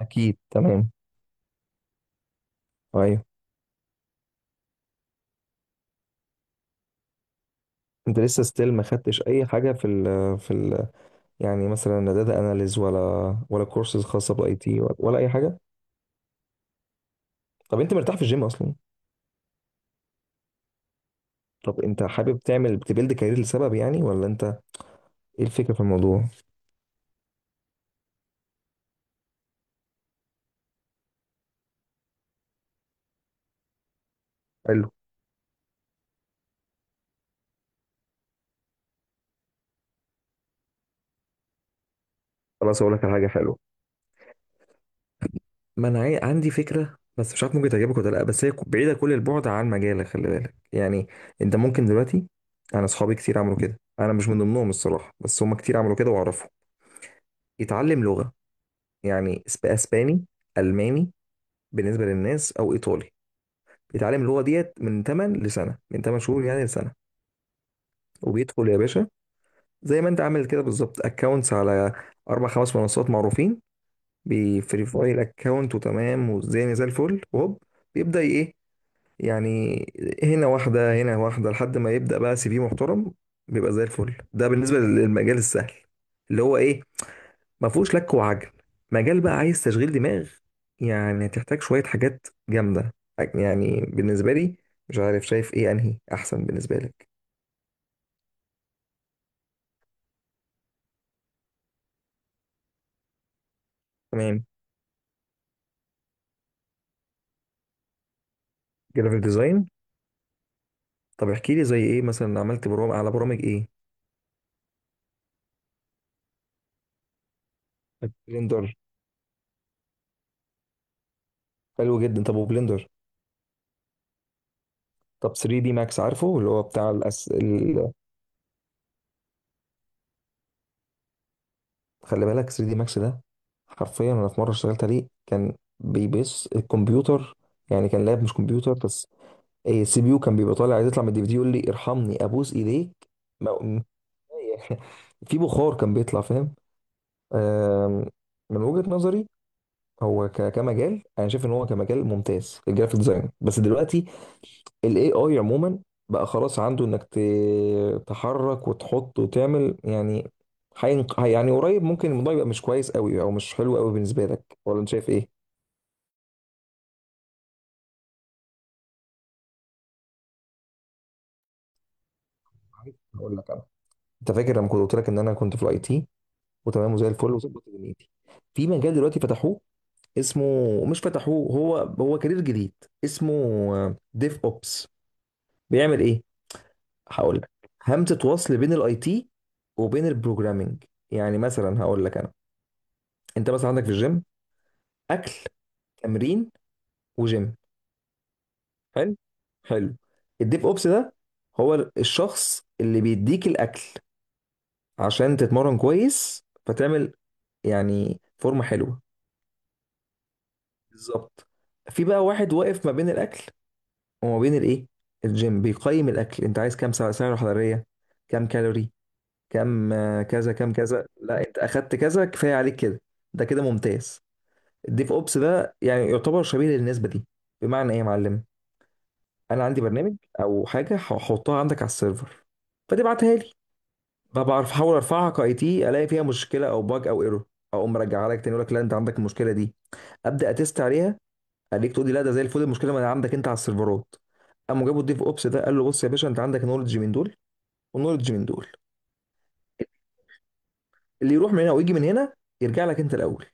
اكيد، تمام. ايوه. انت لسه ستيل ما خدتش اي حاجه في ال يعني مثلا لا داتا اناليز ولا كورسز خاصه باي تي ولا اي حاجه؟ طب انت مرتاح في الجيم اصلا؟ طب انت حابب تعمل تبيلد كارير لسبب يعني ولا انت؟ ايه الفكره في الموضوع؟ حلو. خلاص، اقول لك على حاجه حلوه. ما انا عاي- عندي فكره بس مش عارف ممكن تعجبك ولا لا، بس هي بعيده كل البعد عن مجالك، خلي بالك يعني. انت ممكن دلوقتي، انا اصحابي كتير عملوا كده، انا مش من ضمنهم الصراحه بس هم كتير عملوا كده واعرفهم. يتعلم لغه، يعني اسباني، الماني، بالنسبه للناس، او ايطالي. بيتعلم اللغه ديت من 8 لسنه، من 8 شهور يعني لسنه. وبيدخل يا باشا زي ما انت عامل كده بالظبط اكونتس على اربع خمس منصات معروفين، بيفيريفاي الاكونت وتمام والدنيا زي الفل. وهوب، بيبدا ايه يعني، هنا واحده هنا واحده لحد ما يبدا بقى سي في محترم، بيبقى زي الفل. ده بالنسبه للمجال السهل اللي هو ايه، ما فيهوش لك وعجل. مجال بقى عايز تشغيل دماغ، يعني هتحتاج شوية حاجات جامدة. يعني بالنسبة لي مش عارف، شايف ايه انهي احسن بالنسبة لك؟ تمام، جرافيك ديزاين. طب احكي لي زي ايه مثلا، عملت برامج على برامج ايه؟ بلندر؟ حلو جدا. طب وبلندر؟ طب 3 دي ماكس، عارفه اللي هو بتاع الأس... ال... خلي بالك 3 دي ماكس ده، حرفيا انا في مرة اشتغلت عليه كان بيبص الكمبيوتر، يعني كان لاب مش كمبيوتر بس، السي بي يو كان بيبقى طالع عايز يطلع من الدي في دي يقول لي ارحمني ابوس ايديك. ما- م- في بخار كان بيطلع، فاهم. آم، من وجهة نظري، هو كمجال انا شايف ان هو كمجال ممتاز الجرافيك ديزاين، بس دلوقتي الاي اي عموما بقى خلاص عنده انك تحرك وتحط وتعمل يعني. يعني قريب ممكن الموضوع يبقى مش كويس قوي او مش حلو قوي بالنسبه لك، ولا انت شايف ايه؟ هقول لك انا، انت فاكر لما كنت قلت لك ان انا كنت في الاي تي وتمام وزي الفل وظبط دنيتي؟ في مجال دلوقتي فتحوه، اسمه، مش فتحوه، هو كارير جديد، اسمه ديف اوبس. بيعمل ايه؟ هقول لك. همزه وصل بين الاي تي وبين البروجرامينج. يعني مثلا هقول لك انا، انت مثلا عندك في الجيم اكل، تمرين، وجيم. حلو حلو. الديف اوبس ده هو الشخص اللي بيديك الاكل عشان تتمرن كويس، فتعمل يعني فورمه حلوه. بالظبط. في بقى واحد واقف ما بين الاكل وما بين الايه، الجيم. بيقيم الاكل، انت عايز كام سعره حراريه، كام كالوري، كام، كذا كام كذا، لا انت اخدت كذا كفايه عليك كده، ده كده ممتاز. الديف اوبس بقى يعني يعتبر شبيه للنسبه دي. بمعنى ايه يا معلم؟ انا عندي برنامج او حاجه هحطها عندك على السيرفر، فتبعتها لي بقى، بعرف احاول ارفعها كاي تي، الاقي فيها مشكله او باج او ايرور، اقوم مرجعها لك تاني، يقول لك لا انت عندك المشكله دي، ابدا اتست عليها، خليك تقول لي لا ده زي الفل، المشكله ما عندك انت على السيرفرات. قاموا جابوا الديف اوبس ده، قال له بص يا باشا انت عندك نولج من دول ونولج من دول، اللي يروح من هنا ويجي من هنا، يرجع لك انت الاول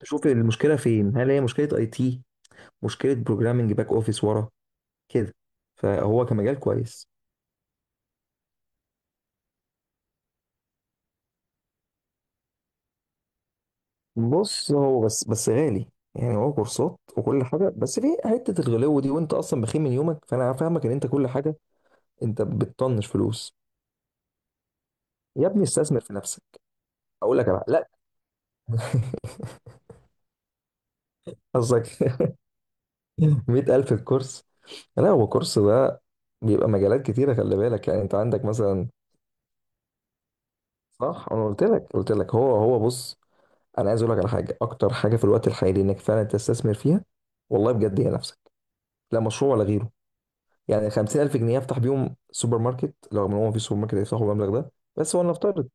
تشوف المشكله فين، هل هي مشكله اي تي، مشكله بروجرامنج، باك اوفيس ورا كده. فهو كمجال كويس. بص، هو بس غالي. يعني هو كورسات وكل حاجه بس في حته الغلو دي، وانت اصلا بخيل من يومك فانا فاهمك ان انت كل حاجه، انت بتطنش فلوس. يا ابني استثمر في نفسك. اقول لك على، لا. قصدك. 100,000 الكورس؟ لا هو كورس ده بيبقى مجالات كتيرة، خلي بالك يعني. أنت عندك مثلا، صح؟ أنا قلت لك هو بص، أنا عايز أقول لك على حاجة أكتر حاجة في الوقت الحالي إنك فعلا تستثمر فيها، والله بجد، هي نفسك. لا مشروع ولا غيره. يعني 50,000 جنيه أفتح بيهم سوبر ماركت، لو إن هو مفيش سوبر ماركت هيفتحوا المبلغ ده، بس هو نفترض.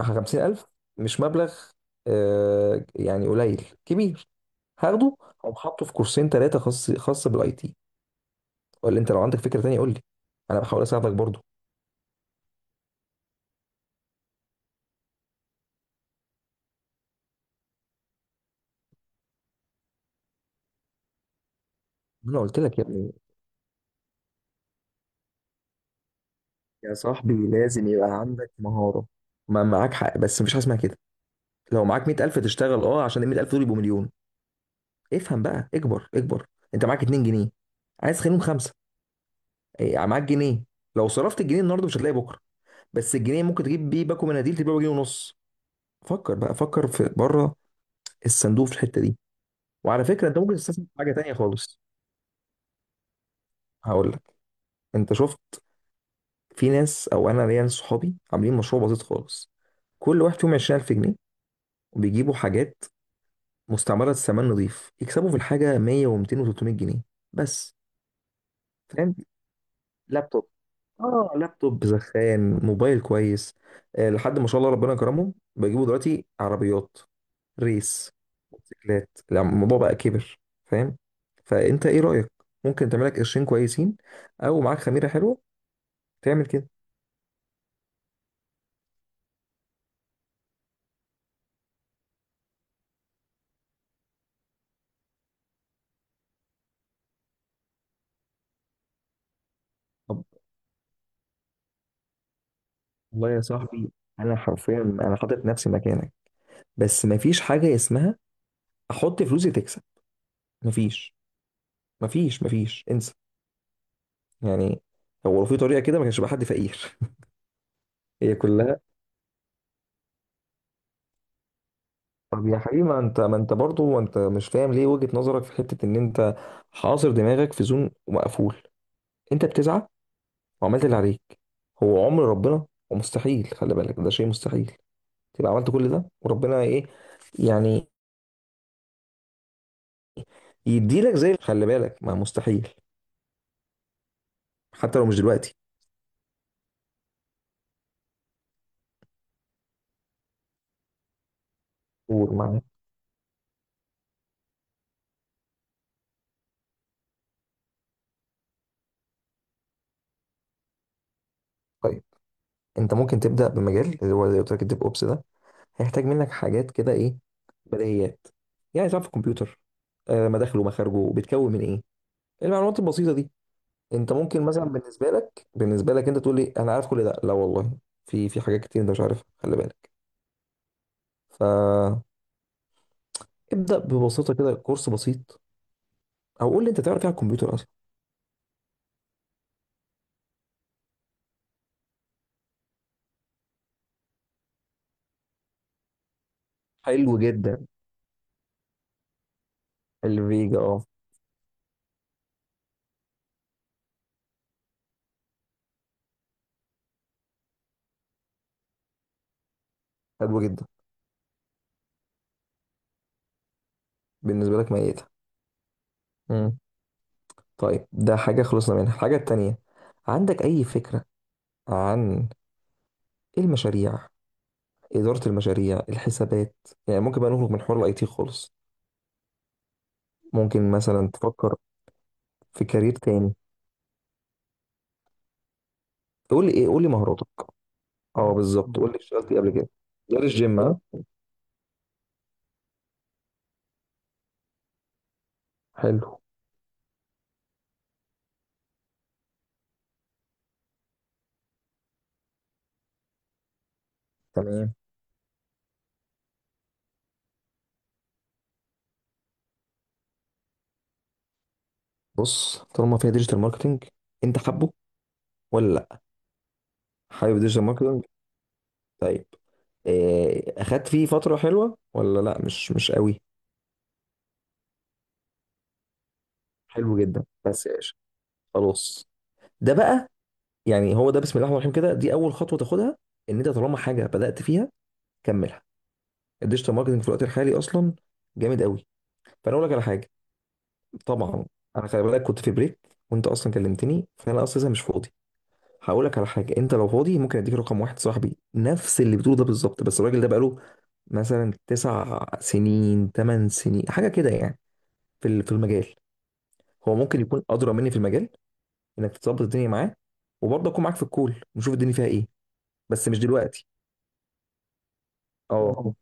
50,000 مش مبلغ، آه يعني قليل كبير. هاخده أو حاطه في كورسين ثلاثة، خاص خاص بالأي تي. ولا أنت لو عندك فكرة تانية قول لي، أنا بحاول أساعدك برضه. انا قلت لك يا ابني، يا صاحبي لازم يبقى عندك مهارة. ما معاك حق بس مفيش حاجة اسمها كده. لو معاك 100,000 تشتغل، اه، عشان ال 100,000 دول يبقوا مليون. افهم بقى، اكبر اكبر. انت معاك 2 جنيه عايز تخليهم خمسة. إيه، يعني معاك جنيه، لو صرفت الجنيه النهارده مش هتلاقي بكرة، بس الجنيه ممكن تجيب بيه باكو مناديل تبيعه بجنيه ونص. فكر بقى، فكر في بره الصندوق في الحتة دي. وعلى فكرة انت ممكن تستثمر في حاجة تانية خالص. هقول لك. انت شفت، في ناس، او انا ليا ناس صحابي عاملين مشروع بسيط خالص، كل واحد فيهم 20,000 جنيه، وبيجيبوا حاجات مستعمرة، سامان نظيف، يكسبوا في الحاجة 100 و200 و300 جنيه بس. فاهم؟ لابتوب، اه لابتوب زخان، موبايل كويس. آه، لحد ما شاء الله ربنا كرمهم بيجيبوا دلوقتي عربيات، ريس، موتوسيكلات، لا، الموضوع بقى كبر، فاهم. فانت ايه رأيك؟ ممكن تعمل لك قرشين كويسين، او معاك خميرة حلوة تعمل كده. طب والله يا صاحبي، انا حرفيا انا حاطط نفسي مكانك، بس مفيش حاجة اسمها احط فلوسي تكسب. مفيش. مفيش انسى. يعني هو لو في طريقه كده ما كانش بقى حد فقير. هي كلها. طب يا حبيبي، ما انت ما انت برضه ما انت مش فاهم ليه، وجهه نظرك في حته ان انت حاصر دماغك في زون مقفول. انت بتسعى وعملت اللي عليك، هو عمر ربنا ومستحيل، خلي بالك ده شيء مستحيل، تبقى عملت كل ده وربنا ايه، يعني يديلك زي، خلي بالك ما مستحيل، حتى لو مش دلوقتي. قول معايا. طيب، انت ممكن تبدا بمجال اللي هو زي ما قلت لك الديف اوبس ده، هيحتاج منك حاجات كده، ايه، بديهيات. يعني تعرف الكمبيوتر، آه، مداخله مخارجه بيتكون من ايه، المعلومات البسيطه دي. انت ممكن مثلا بالنسبه لك انت تقول لي انا عارف كل ده، لا والله في حاجات كتير انت مش عارفها خلي بالك. فابدا ببساطه كده كورس بسيط، او قول لي انت تعرف ايه على الكمبيوتر اصلا. حلو جدا. الفيجا، اه. حلو جدا. بالنسبه لك ميتها. امم. طيب، ده حاجه خلصنا منها، الحاجه التانيه، عندك اي فكره عن المشاريع؟ إدارة المشاريع، الحسابات. يعني ممكن بقى نخرج من حوار الاي تي خالص، ممكن مثلا تفكر في كارير تاني. تقول لي ايه؟ قول لي مهاراتك. اه بالظبط، قول لي اشتغلت ايه قبل كده، غير الجيم، ها. حلو. تمام. بص، طالما فيها ديجيتال ماركتنج، انت حابه ولا لا؟ حابب ديجيتال ماركتنج، طيب. إيه، اخدت فيه فترة حلوة ولا لا؟ مش قوي. حلو جدا بس يا باشا. خلاص، ده بقى، يعني هو ده بسم الله الرحمن الرحيم كده، دي اول خطوة تاخدها، ان انت طالما حاجة بدأت فيها كملها. الديجيتال ماركتنج في الوقت الحالي اصلا جامد قوي. فانا اقول لك على حاجه. طبعا، انا خلي بالك كنت في بريك وانت اصلا كلمتني فانا اصلا مش فاضي. هقول لك على حاجه، انت لو فاضي ممكن اديك رقم واحد صاحبي نفس اللي بتقوله ده بالظبط، بس الراجل ده بقاله مثلا 9 سنين، 8 سنين، حاجه كده يعني في المجال. هو ممكن يكون ادرى مني في المجال انك تظبط الدنيا معاه، وبرضه اكون معاك في الكول ونشوف الدنيا فيها ايه. بس مش دلوقتي، اه.